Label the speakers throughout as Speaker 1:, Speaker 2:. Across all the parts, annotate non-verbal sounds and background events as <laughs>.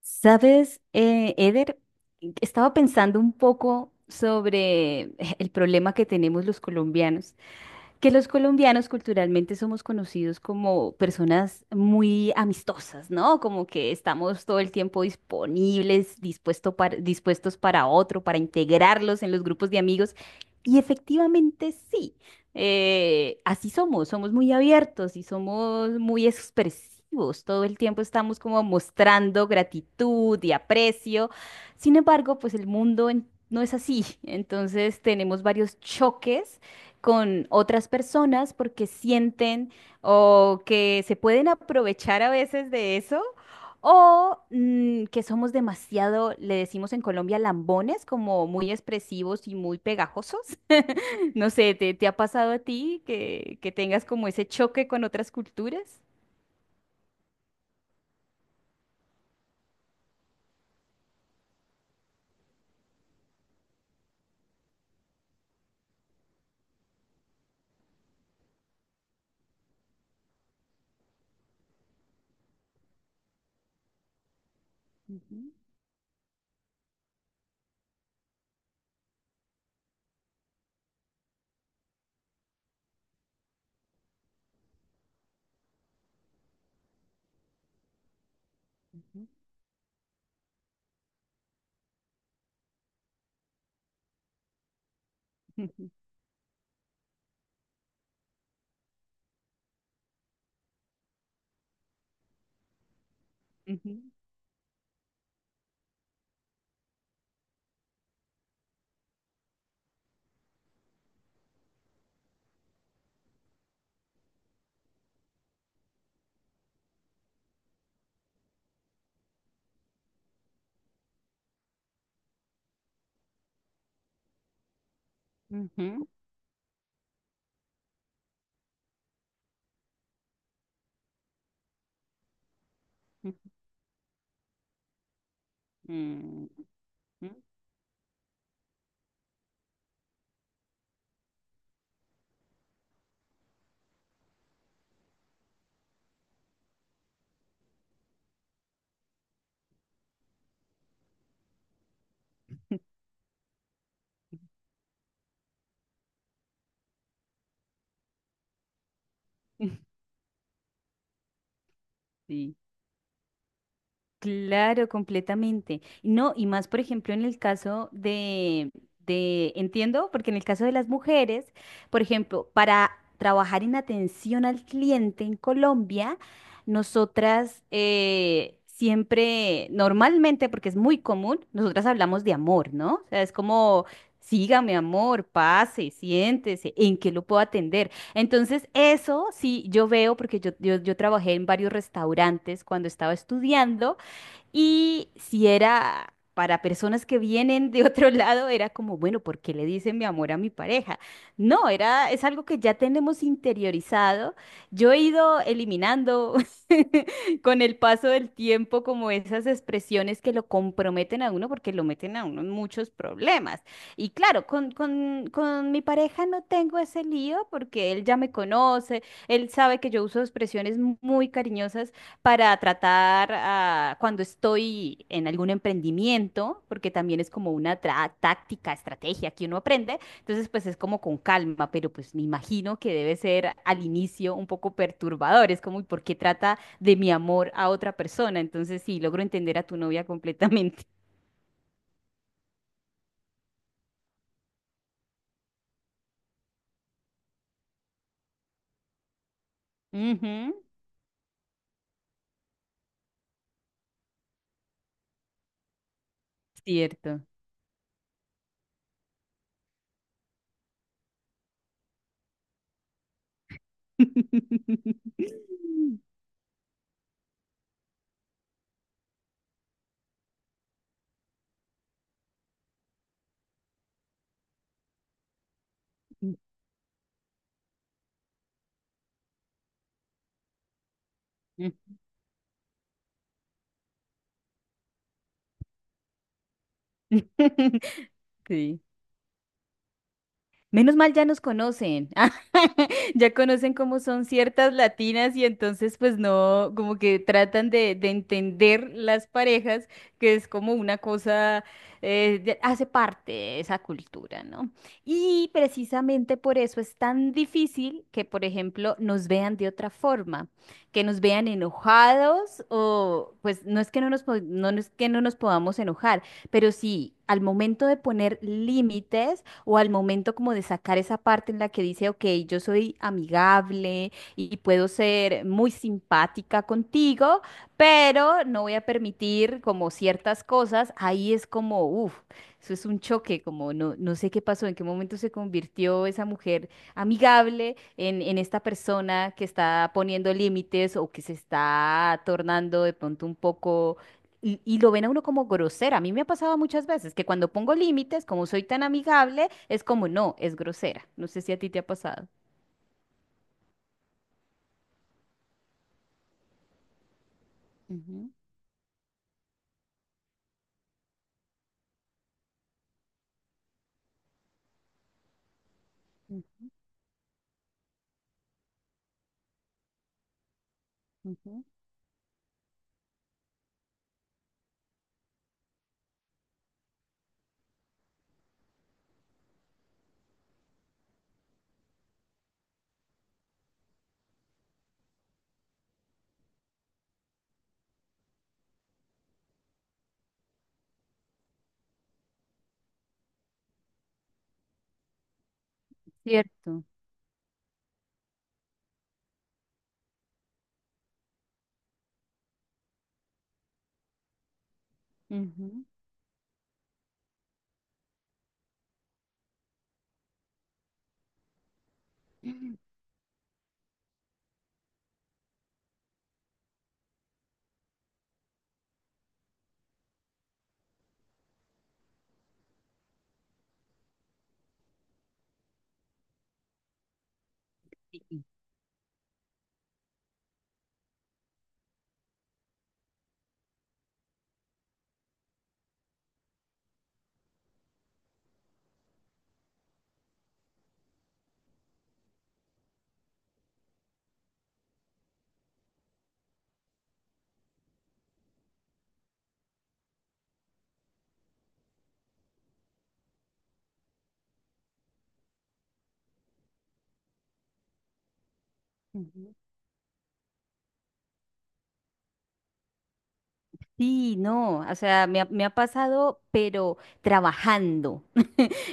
Speaker 1: Sabes, Eder, estaba pensando un poco sobre el problema que tenemos los colombianos, que los colombianos culturalmente somos conocidos como personas muy amistosas, ¿no? Como que estamos todo el tiempo disponibles, dispuestos para otro, para integrarlos en los grupos de amigos. Y efectivamente sí, así somos, somos muy abiertos y somos muy expresivos. Todo el tiempo estamos como mostrando gratitud y aprecio. Sin embargo, pues el mundo no es así. Entonces tenemos varios choques con otras personas porque sienten o que se pueden aprovechar a veces de eso o que somos demasiado, le decimos en Colombia, lambones, como muy expresivos y muy pegajosos. <laughs> No sé, ¿te ha pasado a ti que tengas como ese choque con otras culturas? Ujú, ujú, ujú, <laughs> ujú, ujú, ujú, ujú, ujú, <laughs> sí. Claro, completamente. No, y más, por ejemplo, en el caso de entiendo, porque en el caso de las mujeres, por ejemplo, para trabajar en atención al cliente en Colombia, nosotras siempre, normalmente, porque es muy común, nosotras hablamos de amor, ¿no? O sea, es como, sígame, amor, pase, siéntese, ¿en qué lo puedo atender? Entonces, eso sí, yo veo, porque yo trabajé en varios restaurantes cuando estaba estudiando. Y si era para personas que vienen de otro <laughs> lado, era como, bueno, ¿por qué le dicen mi amor a mi pareja? No, era, es algo que ya tenemos interiorizado. Yo he ido eliminando <laughs> con el paso del tiempo como esas expresiones que lo comprometen a uno porque lo meten a uno en muchos problemas. Y claro, con mi pareja no tengo ese lío porque él ya me conoce, él sabe que yo uso expresiones muy cariñosas para tratar cuando estoy en algún emprendimiento, porque también es como una táctica, estrategia que uno aprende, entonces pues es como con calma, pero pues me imagino que debe ser al inicio un poco perturbador, es como, ¿y por qué trata de mi amor a otra persona? Entonces sí, logro entender a tu novia <laughs> completamente. Ujú, cierto. <laughs> Ujú. <laughs> Sí. Menos mal ya nos conocen, <laughs> ya conocen cómo son ciertas latinas y entonces pues no, como que tratan de entender las parejas, que es como una cosa, hace parte de esa cultura, ¿no? Y precisamente por eso es tan difícil que, por ejemplo, nos vean de otra forma, que nos vean enojados o pues no es que no nos, no, no es que no nos podamos enojar, pero sí, al momento de poner límites, o al momento como de sacar esa parte en la que dice, ok, yo soy amigable y puedo ser muy simpática contigo, pero no voy a permitir como ciertas cosas, ahí es como, uff, eso es un choque, como no, no sé qué pasó, en qué momento se convirtió esa mujer amigable en esta persona que está poniendo límites o que se está tornando de pronto un poco, y lo ven a uno como grosera. A mí me ha pasado muchas veces que cuando pongo límites, como soy tan amigable, es como no, es grosera. No sé si a ti te ha pasado. Ujú, u- ujú. Cierto. Ujú. Sí, ujú. Sí, no, o sea, me ha pasado, pero trabajando.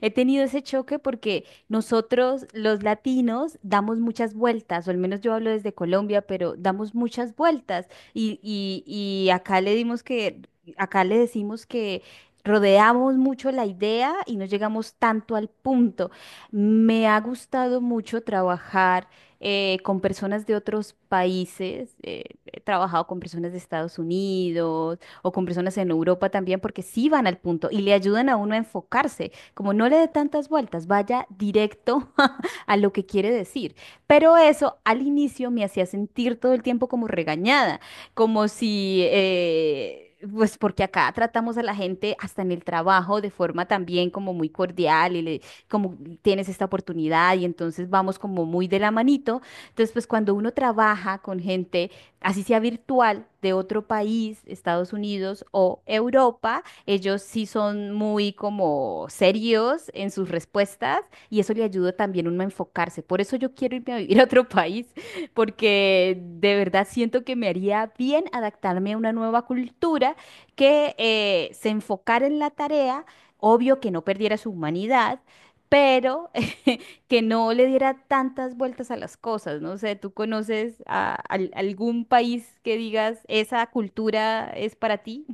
Speaker 1: He tenido ese choque porque nosotros los latinos damos muchas vueltas, o al menos yo hablo desde Colombia, pero damos muchas vueltas y, y, y acá le acá le decimos que rodeamos mucho la idea y no llegamos tanto al punto. Me ha gustado mucho trabajar con personas de otros países, he trabajado con personas de Estados Unidos o con personas en Europa también porque sí van al punto y le ayudan a uno a enfocarse, como no le dé tantas vueltas, vaya directo <laughs> a lo que quiere decir. Pero eso al inicio me hacía sentir todo el tiempo como regañada, como si... pues porque acá tratamos a la gente hasta en el trabajo de forma también como muy cordial como tienes esta oportunidad y entonces vamos como muy de la manito. Entonces, pues cuando uno trabaja con gente, así sea virtual, de otro país, Estados Unidos o Europa, ellos sí son muy como serios en sus respuestas y eso le ayuda también uno a enfocarse. Por eso yo quiero irme a vivir a otro país, porque de verdad siento que me haría bien adaptarme a una nueva cultura que se enfocara en la tarea, obvio que no perdiera su humanidad, pero <laughs> que no le diera tantas vueltas a las cosas. No sé, ¿tú conoces algún país que digas esa cultura es para ti?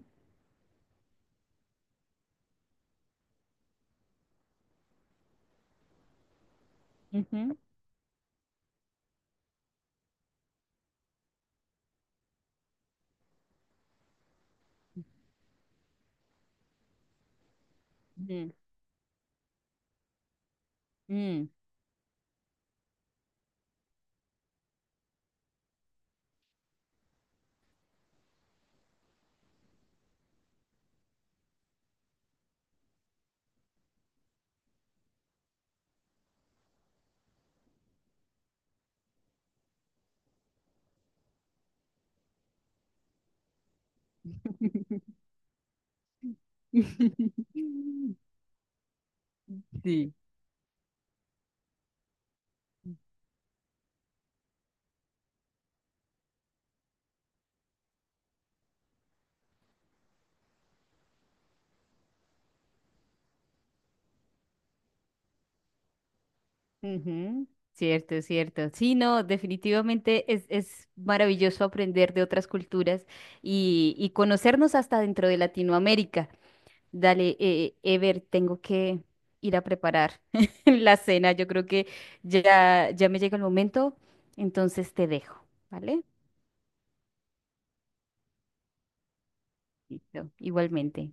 Speaker 1: Ujú, ujú. Mm. <laughs> Sí. Ujú. Cierto, cierto. Sí, no, definitivamente es maravilloso aprender de otras culturas y conocernos hasta dentro de Latinoamérica. Dale, Ever, tengo que ir a preparar <laughs> la cena. Yo creo que ya, ya me llega el momento, entonces te dejo, ¿vale? Listo, igualmente.